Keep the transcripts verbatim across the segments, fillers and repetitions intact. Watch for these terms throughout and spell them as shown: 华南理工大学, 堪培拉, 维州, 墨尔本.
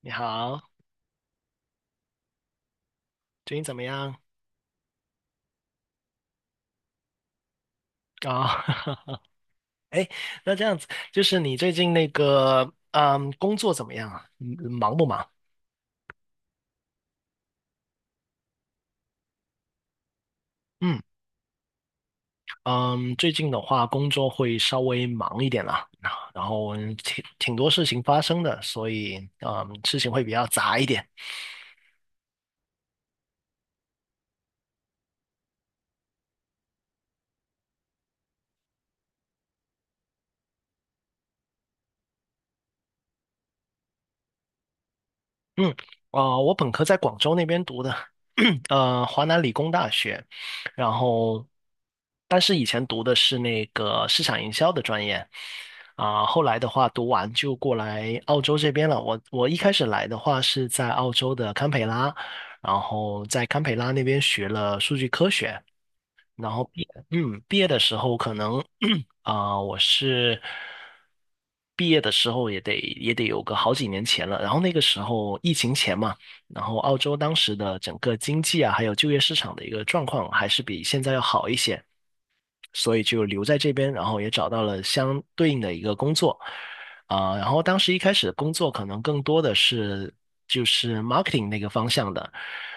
你好，最近怎么样？哦，哎，那这样子，就是你最近那个，嗯，工作怎么样啊？嗯忙不忙？嗯嗯，最近的话，工作会稍微忙一点啦，然后挺挺多事情发生的，所以嗯，事情会比较杂一点。嗯，啊、我本科在广州那边读的，呃，华南理工大学，然后，但是以前读的是那个市场营销的专业，啊、后来的话读完就过来澳洲这边了。我我一开始来的话是在澳洲的堪培拉，然后在堪培拉那边学了数据科学。然后毕嗯毕业的时候可能 啊、我是毕业的时候也得也得有个好几年前了，然后那个时候疫情前嘛，然后澳洲当时的整个经济啊，还有就业市场的一个状况还是比现在要好一些，所以就留在这边，然后也找到了相对应的一个工作，啊、然后当时一开始的工作可能更多的是就是 marketing 那个方向的，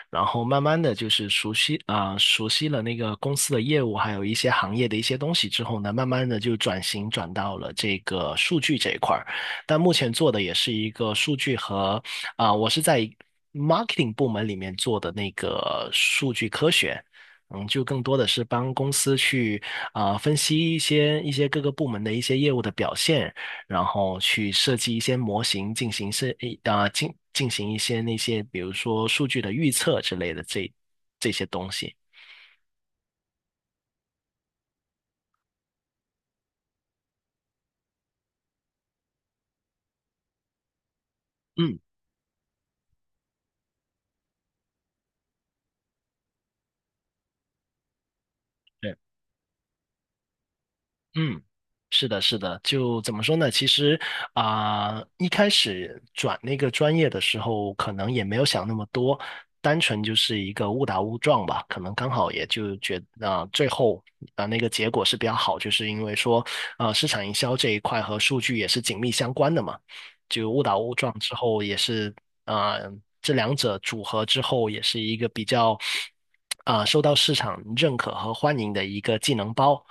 然后慢慢的就是熟悉啊、熟悉了那个公司的业务，还有一些行业的一些东西之后呢，慢慢的就转型转到了这个数据这一块儿，但目前做的也是一个数据和啊、我是在。marketing 部门里面做的那个数据科学，嗯，就更多的是帮公司去啊、呃分析一些一些各个部门的一些业务的表现，然后去设计一些模型进行设一啊进进行一些那些比如说数据的预测之类的这这些东西。嗯。对。嗯，是的，是的，就怎么说呢？其实啊、一开始转那个专业的时候，可能也没有想那么多，单纯就是一个误打误撞吧。可能刚好也就觉啊、最后啊、那个结果是比较好，就是因为说啊，市场营销这一块和数据也是紧密相关的嘛。就误打误撞之后，也是啊、这两者组合之后，也是一个比较啊、受到市场认可和欢迎的一个技能包。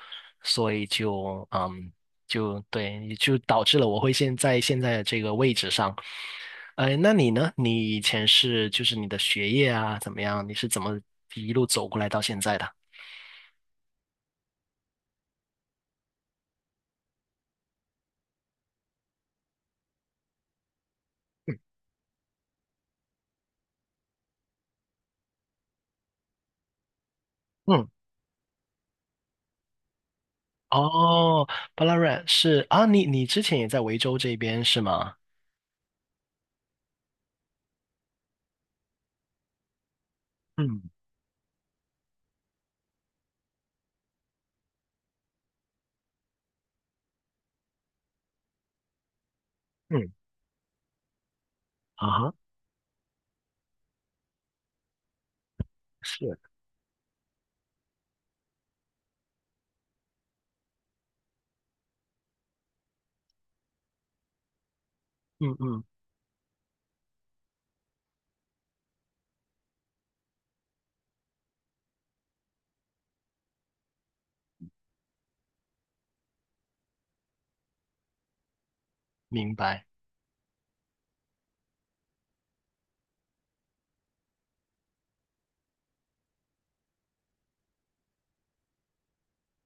所以就嗯，就对，就导致了我会现在现在的这个位置上。呃，那你呢？你以前是就是你的学业啊怎么样？你是怎么一路走过来到现在的？嗯嗯，哦，巴拉瑞是啊，你你之前也在维州这边是吗？嗯嗯，啊哈，是，嗯嗯，明白。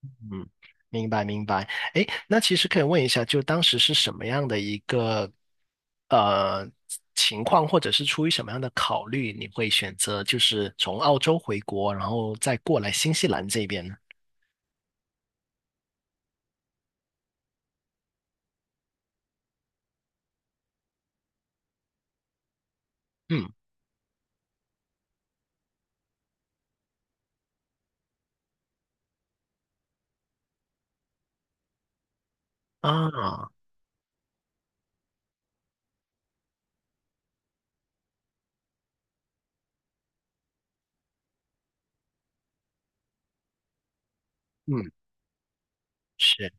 嗯，明白明白。哎，那其实可以问一下，就当时是什么样的一个呃情况，或者是出于什么样的考虑，你会选择就是从澳洲回国，然后再过来新西兰这边呢？嗯啊，嗯是，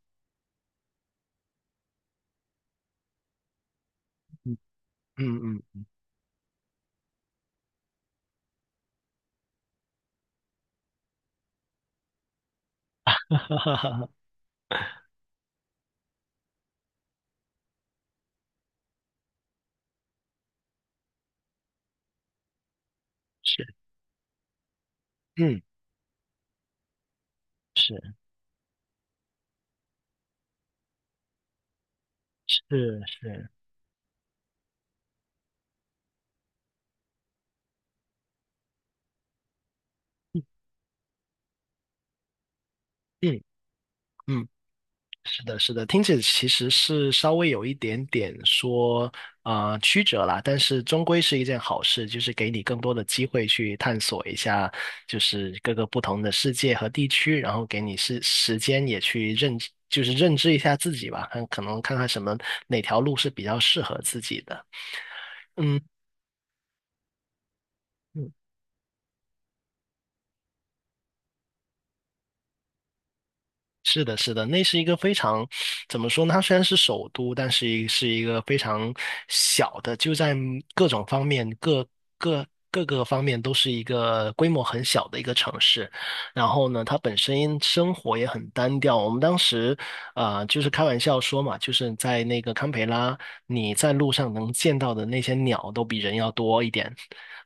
嗯嗯嗯，哈哈哈哈是，嗯是是是，嗯嗯。是的，是的，听起来其实是稍微有一点点说啊呃曲折啦，但是终归是一件好事，就是给你更多的机会去探索一下，就是各个不同的世界和地区，然后给你是时间也去认知就是认知一下自己吧，看可能看看什么哪条路是比较适合自己的。嗯嗯。是的，是的，那是一个非常，怎么说呢？它虽然是首都，但是一是一个非常小的，就在各种方面、各各各个方面都是一个规模很小的一个城市。然后呢，它本身生活也很单调。我们当时，呃，就是开玩笑说嘛，就是在那个堪培拉，你在路上能见到的那些鸟都比人要多一点。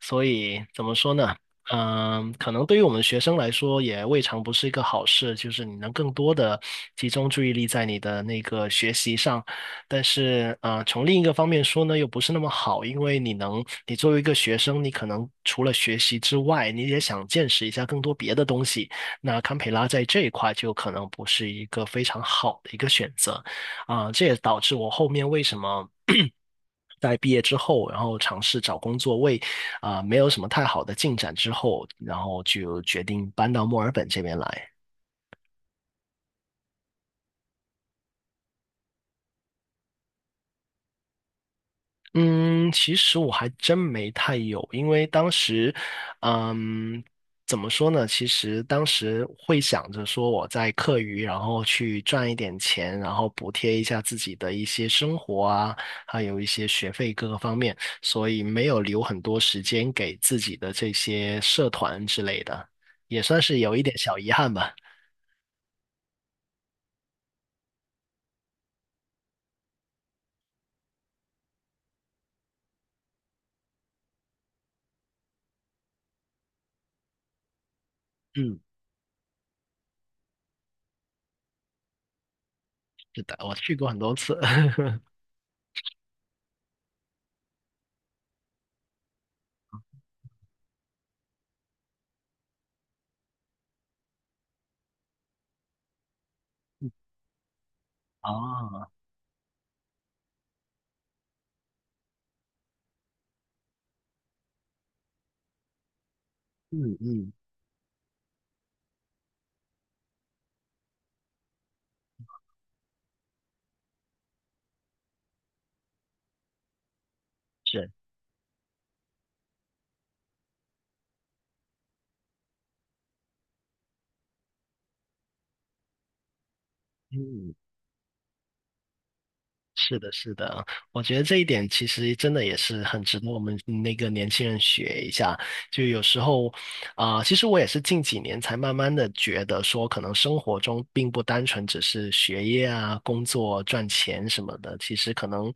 所以怎么说呢？嗯，可能对于我们学生来说，也未尝不是一个好事，就是你能更多的集中注意力在你的那个学习上。但是，呃，从另一个方面说呢，又不是那么好，因为你能，你作为一个学生，你可能除了学习之外，你也想见识一下更多别的东西。那堪培拉在这一块就可能不是一个非常好的一个选择，啊、这也导致我后面为什么 在毕业之后，然后尝试找工作，为啊、呃没有什么太好的进展之后，然后就决定搬到墨尔本这边来。嗯，其实我还真没太有，因为当时，嗯，怎么说呢？其实当时会想着说我在课余，然后去赚一点钱，然后补贴一下自己的一些生活啊，还有一些学费各个方面，所以没有留很多时间给自己的这些社团之类的，也算是有一点小遗憾吧。嗯。是的，我去过很多次。哦，嗯嗯，是，嗯，是的，是的，我觉得这一点其实真的也是很值得我们那个年轻人学一下。就有时候啊、呃其实我也是近几年才慢慢的觉得说，可能生活中并不单纯只是学业啊、工作、赚钱什么的。其实可能，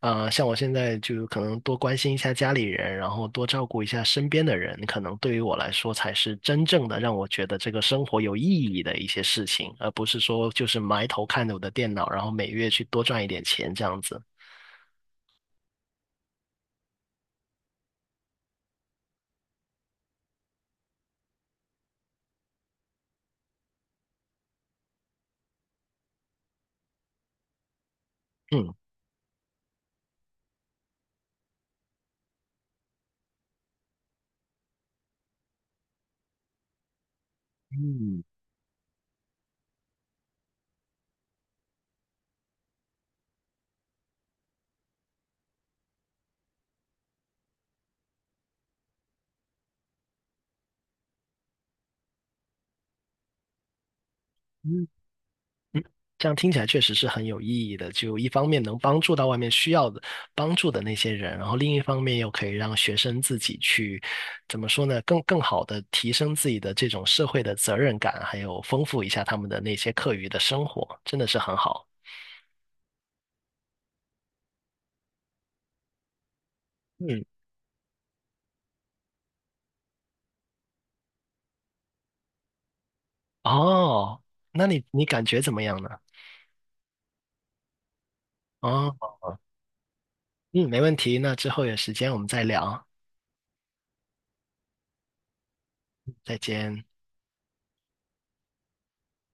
呃，像我现在就可能多关心一下家里人，然后多照顾一下身边的人，可能对于我来说才是真正的让我觉得这个生活有意义的一些事情，而不是说就是埋头看着我的电脑，然后每月去多赚一点钱这样子。嗯。嗯嗯，这样听起来确实是很有意义的。就一方面能帮助到外面需要的帮助的那些人，然后另一方面又可以让学生自己去，怎么说呢，更更好的提升自己的这种社会的责任感，还有丰富一下他们的那些课余的生活，真的是很好。嗯，哦，那你你感觉怎么样呢？哦，嗯，没问题。那之后有时间我们再聊，再见。